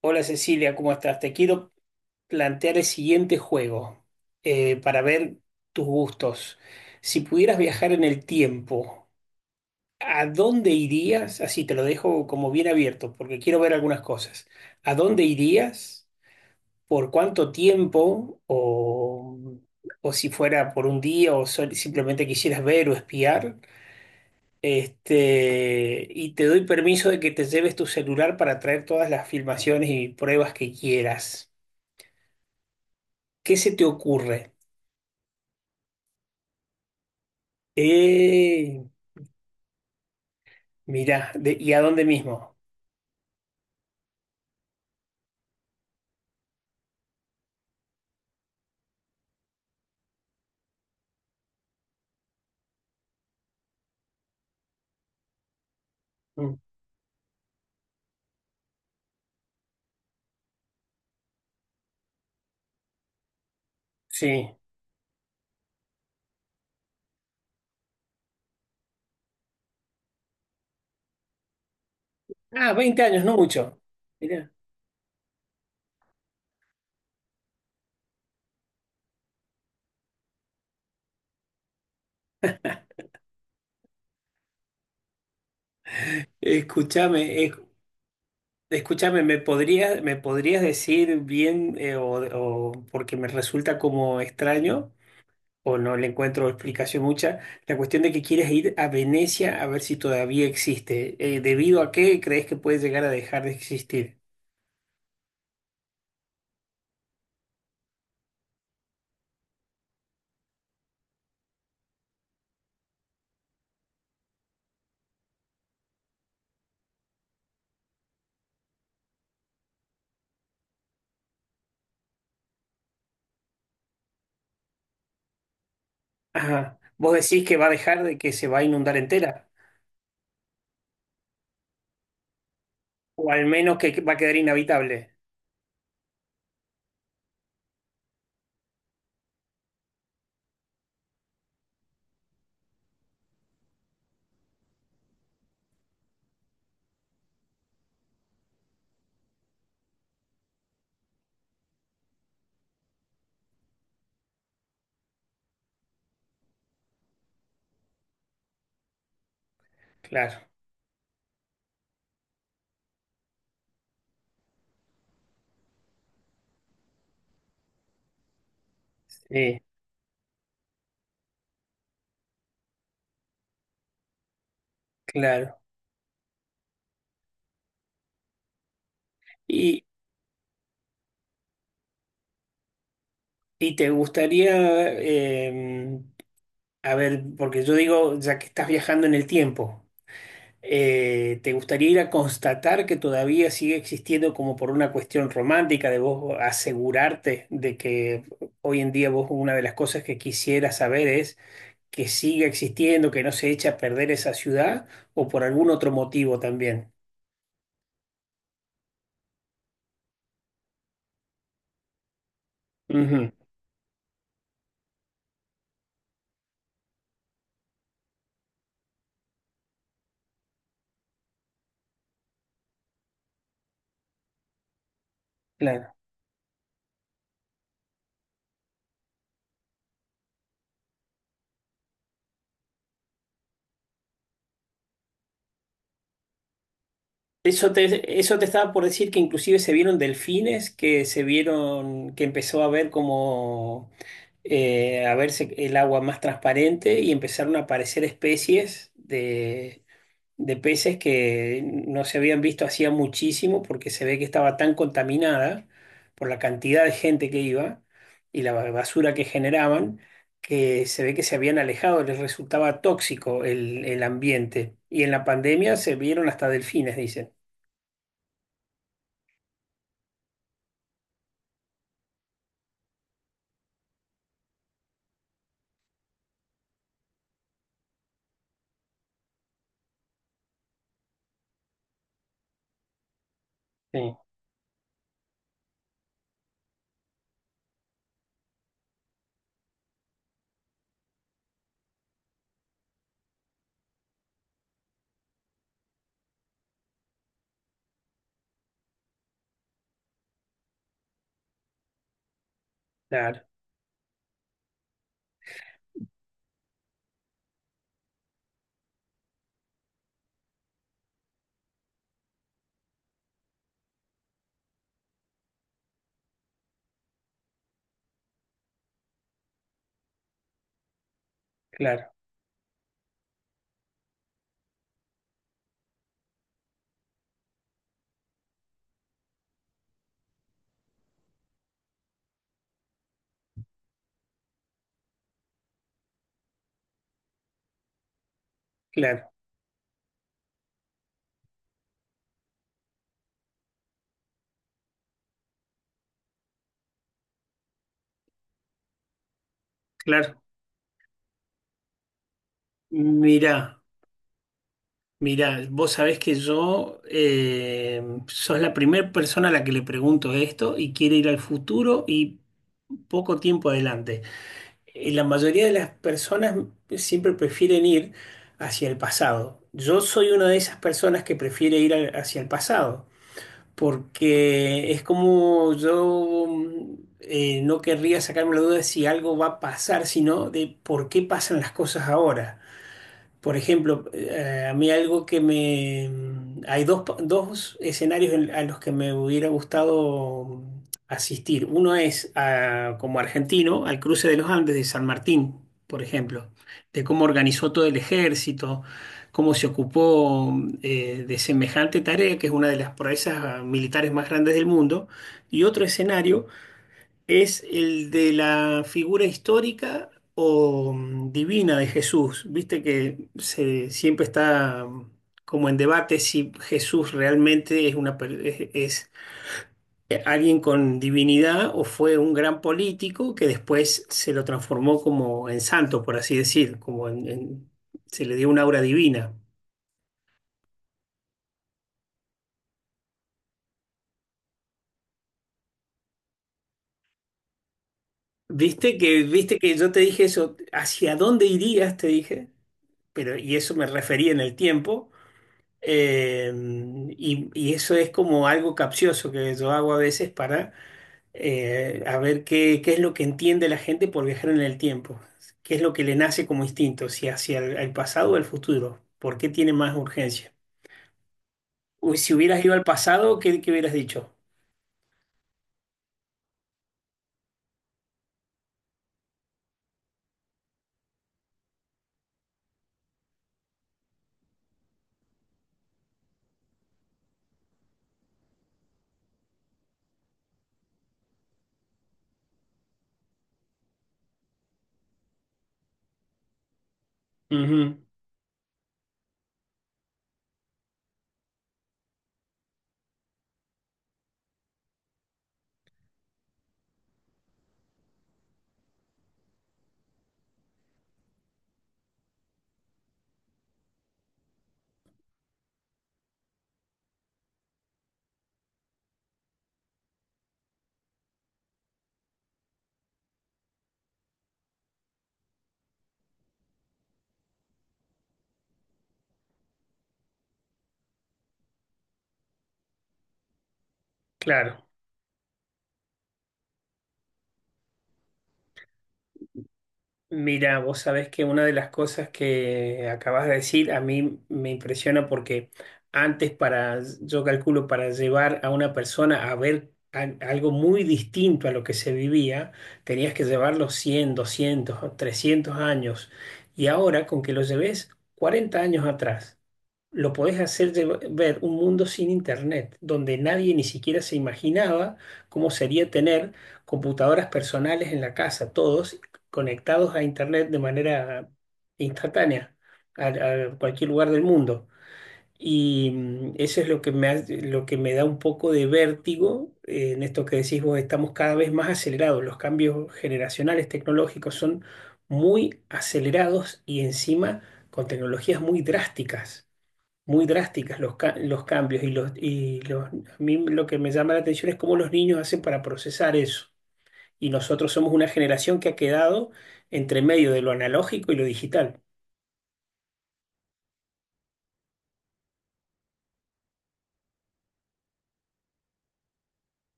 Hola Cecilia, ¿cómo estás? Te quiero plantear el siguiente juego para ver tus gustos. Si pudieras viajar en el tiempo, ¿a dónde irías? Así te lo dejo como bien abierto porque quiero ver algunas cosas. ¿A dónde irías? ¿Por cuánto tiempo? ¿O si fuera por un día o simplemente quisieras ver o espiar? Este, y te doy permiso de que te lleves tu celular para traer todas las filmaciones y pruebas que quieras. ¿Qué se te ocurre? Eh, Mirá, ¿y a dónde mismo? Mm. Sí. Ah, 20 años, no mucho. Mirá. Escúchame, escúchame, ¿me podrías decir bien porque me resulta como extraño o no le encuentro explicación mucha, la cuestión de que quieres ir a Venecia a ver si todavía existe. ¿Debido a qué crees que puede llegar a dejar de existir? Ajá. ¿Vos decís que va a dejar de que se va a inundar entera? O al menos que va a quedar inhabitable. Claro, sí, claro. Y, y te gustaría, a ver, porque yo digo, ya que estás viajando en el tiempo, ¿te gustaría ir a constatar que todavía sigue existiendo como por una cuestión romántica de vos asegurarte de que hoy en día vos una de las cosas que quisieras saber es que siga existiendo, que no se echa a perder esa ciudad o por algún otro motivo también? Ujú, claro. Eso te estaba por decir que inclusive se vieron delfines, que se vieron, que empezó a ver como a verse el agua más transparente y empezaron a aparecer especies de peces que no se habían visto hacía muchísimo porque se ve que estaba tan contaminada por la cantidad de gente que iba y la basura que generaban, que se ve que se habían alejado, les resultaba tóxico el ambiente. Y en la pandemia se vieron hasta delfines, dicen. Sí. Claro, claro, claro, claro. Mirá, mirá, vos sabés que yo sos la primera persona a la que le pregunto esto y quiere ir al futuro y poco tiempo adelante. La mayoría de las personas siempre prefieren ir hacia el pasado. Yo soy una de esas personas que prefiere ir hacia el pasado porque es como yo no querría sacarme la duda de si algo va a pasar, sino de por qué pasan las cosas ahora. Por ejemplo, a mí algo que me... Hay dos escenarios a los que me hubiera gustado asistir. Uno es como argentino al cruce de los Andes de San Martín, por ejemplo, de cómo organizó todo el ejército, cómo se ocupó de semejante tarea, que es una de las proezas militares más grandes del mundo. Y otro escenario, ¿es el de la figura histórica o divina de Jesús? Viste que siempre está como en debate si Jesús realmente es, una, per- es, alguien con divinidad o fue un gran político que después se lo transformó como en santo, por así decir, como se le dio una aura divina. Viste que yo te dije eso, ¿hacia dónde irías? Te dije, pero y eso me refería en el tiempo. Eh, y eso es como algo capcioso que yo hago a veces para a ver qué es lo que entiende la gente por viajar en el tiempo, qué es lo que le nace como instinto, si hacia el pasado o el futuro, por qué tiene más urgencia. Uy, si hubieras ido al pasado, ¿qué hubieras dicho? Ujú, claro. Mira, vos sabés que una de las cosas que acabas de decir a mí me impresiona porque antes para, yo calculo, para llevar a una persona a ver algo muy distinto a lo que se vivía, tenías que llevarlo 100, 200, o 300 años. Y ahora con que lo lleves 40 años atrás lo podés hacer ver un mundo sin internet, donde nadie ni siquiera se imaginaba cómo sería tener computadoras personales en la casa, todos conectados a internet de manera instantánea, a cualquier lugar del mundo. Y mm, eso es lo que lo que me da un poco de vértigo en esto que decís vos, estamos cada vez más acelerados, los cambios generacionales tecnológicos son muy acelerados y encima con tecnologías muy drásticas los cambios a mí lo que me llama la atención es cómo los niños hacen para procesar eso. Y nosotros somos una generación que ha quedado entre medio de lo analógico y lo digital.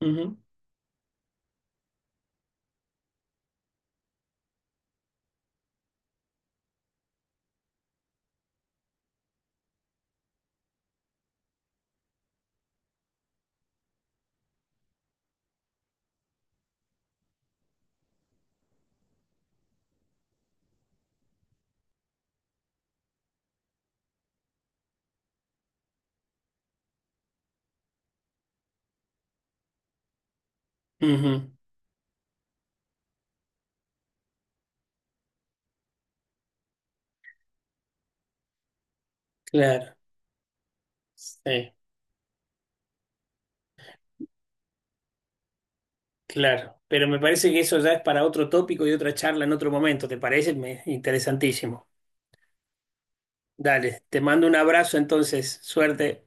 Ujú, ujú. Claro, sí, claro. Pero me parece que eso ya es para otro tópico y otra charla en otro momento, ¿te parece? Me- interesantísimo. Dale, te mando un abrazo entonces, suerte.